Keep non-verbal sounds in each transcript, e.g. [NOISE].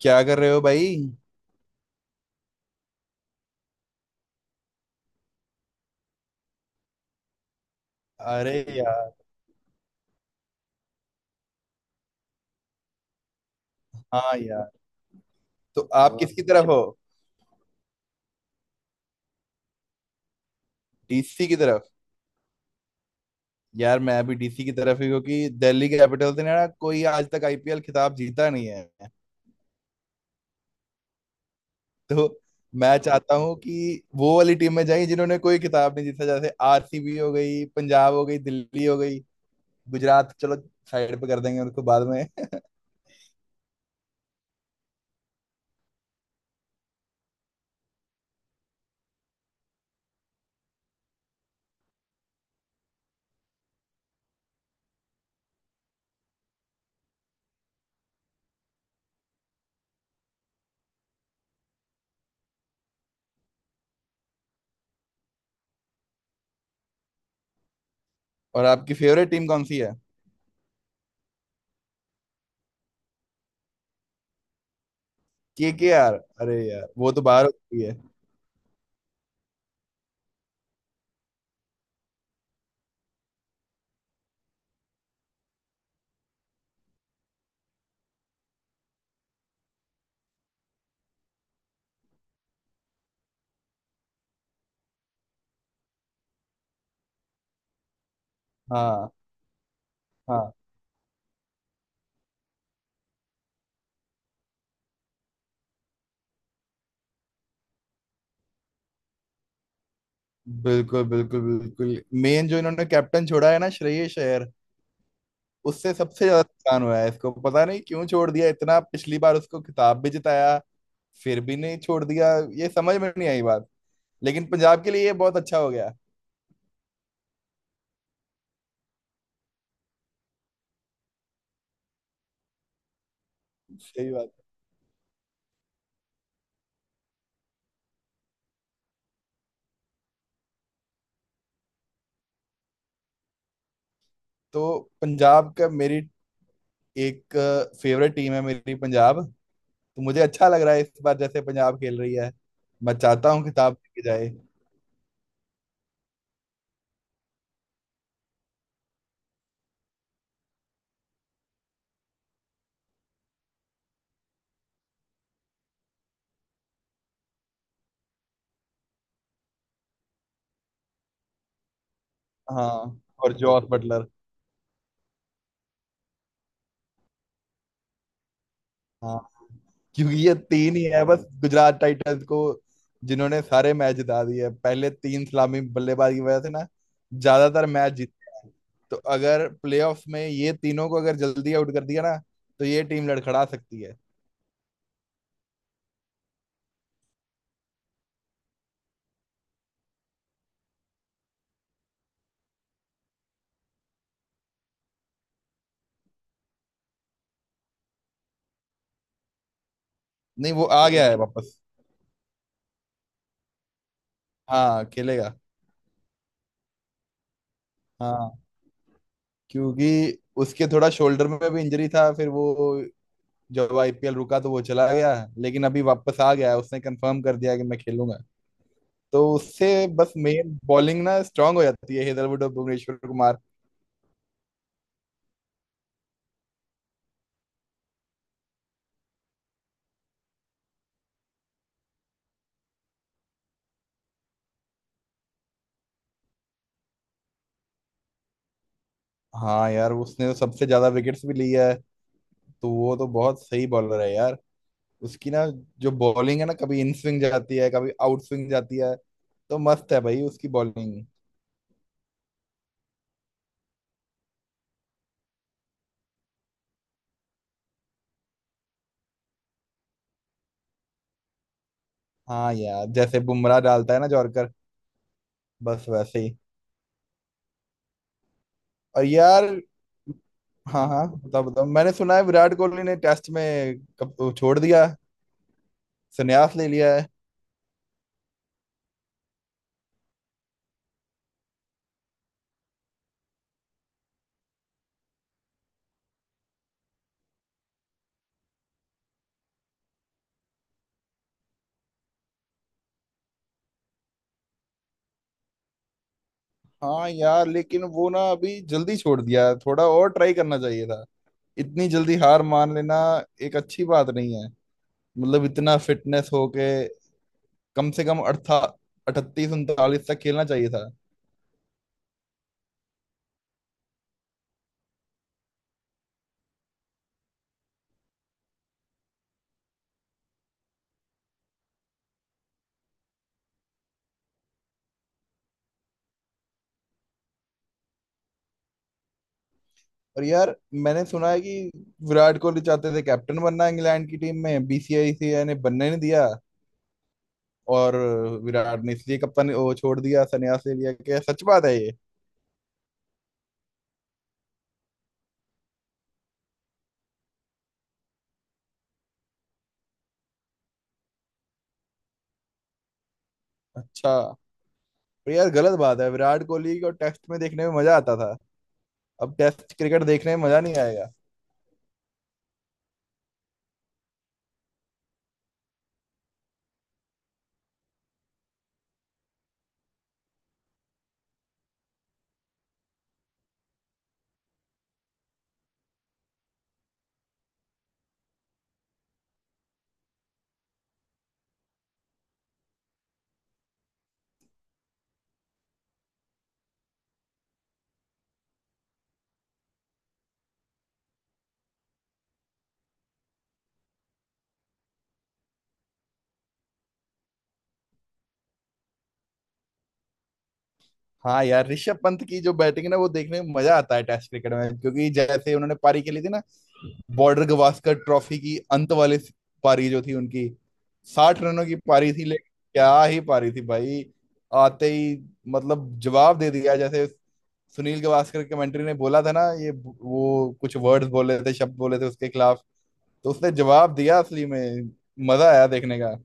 क्या कर रहे हो भाई? अरे यार। तो आप और किसकी तरफ हो? [LAUGHS] डीसी की तरफ। यार मैं भी डीसी की तरफ ही, क्योंकि दिल्ली कैपिटल्स ने ना कोई आज तक आईपीएल खिताब जीता नहीं है। तो मैं चाहता हूँ कि वो वाली टीम में जाएं जिन्होंने कोई खिताब नहीं जीता, जैसे आरसीबी हो गई, पंजाब हो गई, दिल्ली हो गई। गुजरात चलो साइड पे कर देंगे उनको बाद में। [LAUGHS] और आपकी फेवरेट टीम कौन सी है? केकेआर? अरे यार वो तो बाहर हो चुकी है। हाँ। हाँ। बिल्कुल बिल्कुल बिल्कुल, मेन जो इन्होंने कैप्टन छोड़ा है ना, श्रेयस अय्यर, उससे सबसे ज्यादा नुकसान हुआ है। इसको पता नहीं क्यों छोड़ दिया, इतना पिछली बार उसको खिताब भी जिताया, फिर भी नहीं छोड़ दिया, ये समझ में नहीं आई बात। लेकिन पंजाब के लिए ये बहुत अच्छा हो गया। सही बात। तो पंजाब का, मेरी एक फेवरेट टीम है मेरी, पंजाब। तो मुझे अच्छा लग रहा है इस बार जैसे पंजाब खेल रही है। मैं चाहता हूँ खिताब लेके जाए। हाँ, और जॉस बटलर। हाँ, क्योंकि ये तीन ही है बस गुजरात टाइटंस को, जिन्होंने सारे मैच जिता दिए पहले तीन सलामी बल्लेबाज की वजह से ना, ज्यादातर मैच जीत। तो अगर प्लेऑफ्स में ये तीनों को अगर जल्दी आउट कर दिया ना, तो ये टीम लड़खड़ा सकती है। नहीं, वो आ गया है बिल्कुल वापस। हाँ खेलेगा। हाँ, क्योंकि उसके थोड़ा शोल्डर में भी इंजरी था, फिर वो जब आईपीएल रुका तो वो चला गया। लेकिन अभी वापस आ गया है, उसने कंफर्म कर दिया कि मैं खेलूंगा। तो उससे बस मेन बॉलिंग ना स्ट्रांग हो जाती है, हेदरवुड और भुवनेश्वर कुमार। हाँ यार, उसने तो सबसे ज्यादा विकेट्स भी लिया है। तो वो तो बहुत सही बॉलर है यार। उसकी ना जो बॉलिंग है ना, कभी इन स्विंग जाती है, कभी आउट स्विंग जाती है। तो मस्त है भाई उसकी बॉलिंग। हाँ यार, जैसे बुमराह डालता है ना जॉर्कर, बस वैसे ही। और यार। हाँ हाँ बताओ बताओ, मैंने सुना है विराट कोहली ने टेस्ट में छोड़ दिया, संन्यास ले लिया। हाँ यार, लेकिन वो ना अभी जल्दी छोड़ दिया, थोड़ा और ट्राई करना चाहिए था। इतनी जल्दी हार मान लेना एक अच्छी बात नहीं है। मतलब इतना फिटनेस होके कम से कम अड़था 38 39 तक खेलना चाहिए था। और यार, मैंने सुना है कि विराट कोहली चाहते थे कैप्टन बनना इंग्लैंड की टीम में, बीसीसीआई ने बनने नहीं दिया। और विराट ने इसलिए कप्तान वो छोड़ दिया, संन्यास ले लिया, क्या सच बात है ये? अच्छा। पर यार गलत बात है, विराट कोहली को टेस्ट में देखने में मजा आता था। अब टेस्ट क्रिकेट देखने में मजा नहीं आएगा। हाँ यार, ऋषभ पंत की जो बैटिंग है ना, वो देखने में मजा आता है टेस्ट क्रिकेट में, क्योंकि जैसे उन्होंने पारी खेली थी ना, बॉर्डर गावस्कर ट्रॉफी की अंत वाली पारी जो थी उनकी, 60 रनों की पारी थी, लेकिन क्या ही पारी थी भाई। आते ही मतलब जवाब दे दिया, जैसे सुनील गावस्कर कमेंट्री ने बोला था ना, ये वो कुछ वर्ड्स बोले थे, शब्द बोले थे उसके खिलाफ, तो उसने जवाब दिया असली में। मजा आया देखने का।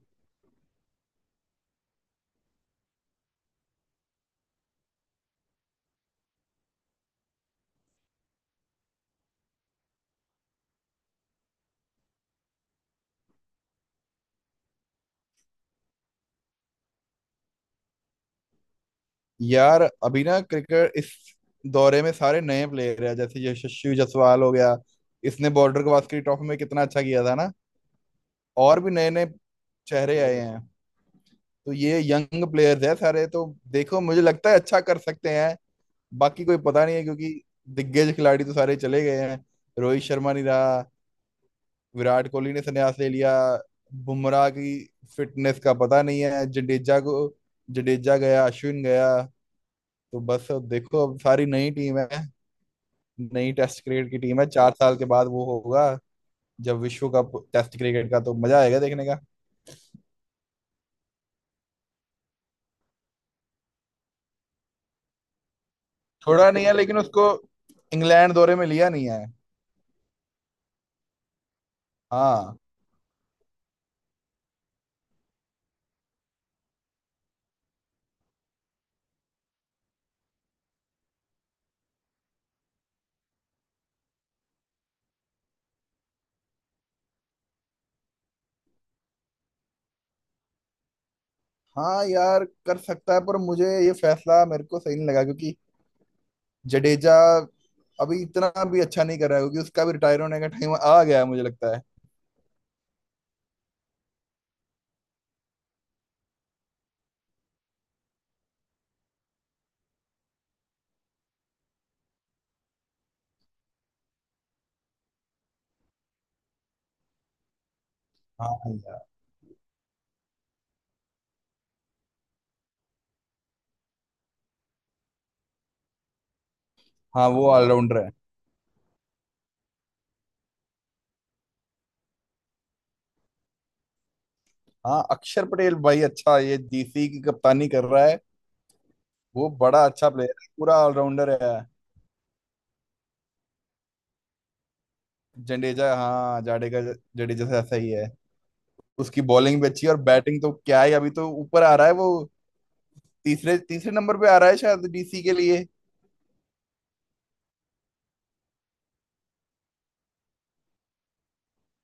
यार, अभी ना क्रिकेट इस दौरे में सारे नए प्लेयर हैं, जैसे यशस्वी जायसवाल हो गया। इसने बॉर्डर गवास्कर ट्रॉफी में कितना अच्छा किया था ना। और भी नए नए चेहरे आए हैं। तो ये यंग प्लेयर्स हैं सारे, तो देखो मुझे लगता है अच्छा कर सकते हैं। बाकी कोई पता नहीं है, क्योंकि दिग्गज खिलाड़ी तो सारे चले गए हैं। रोहित शर्मा नहीं रहा, विराट कोहली ने संन्यास ले लिया, बुमराह की फिटनेस का पता नहीं है, जडेजा को, जडेजा गया, अश्विन गया। तो बस अब देखो, अब सारी नई टीम है, नई टेस्ट क्रिकेट की टीम है। चार साल के बाद वो होगा जब विश्व कप टेस्ट क्रिकेट का, तो मजा आएगा देखने का। थोड़ा नहीं है लेकिन उसको इंग्लैंड दौरे में लिया नहीं है। हाँ। हाँ यार कर सकता है, पर मुझे ये फैसला, मेरे को सही नहीं लगा, क्योंकि जडेजा अभी इतना भी अच्छा नहीं कर रहा है, क्योंकि उसका भी रिटायर होने का टाइम आ गया है मुझे लगता है। हाँ यार। हाँ वो ऑलराउंडर है। हाँ, अक्षर पटेल भाई अच्छा, ये डीसी की कप्तानी कर रहा है। वो बड़ा अच्छा प्लेयर है, पूरा ऑलराउंडर है। जडेजा, हाँ जाडेजा, जडेजा से ऐसा ही है। उसकी बॉलिंग भी अच्छी है, और बैटिंग तो क्या है, अभी तो ऊपर आ रहा है वो। तीसरे तीसरे नंबर पे आ रहा है शायद डीसी के लिए।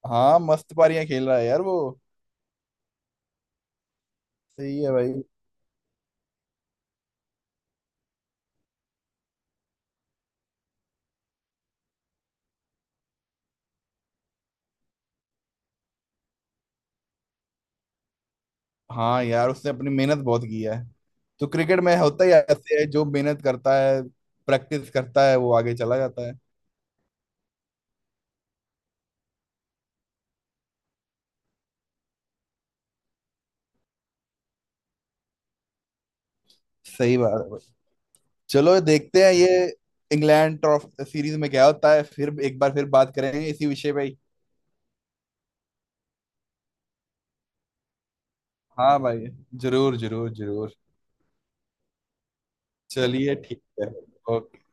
हाँ मस्त पारियां खेल रहा है यार वो। सही है भाई। हाँ यार, उसने अपनी मेहनत बहुत की है। तो क्रिकेट में होता ही ऐसे है, जो मेहनत करता है, प्रैक्टिस करता है, वो आगे चला जाता है। सही बात है भाई। चलो देखते हैं ये इंग्लैंड ट्रॉफी सीरीज में क्या होता है, फिर एक बार फिर बात करेंगे इसी विषय पे ही। हाँ भाई, जरूर जरूर जरूर। चलिए ठीक है, ओके।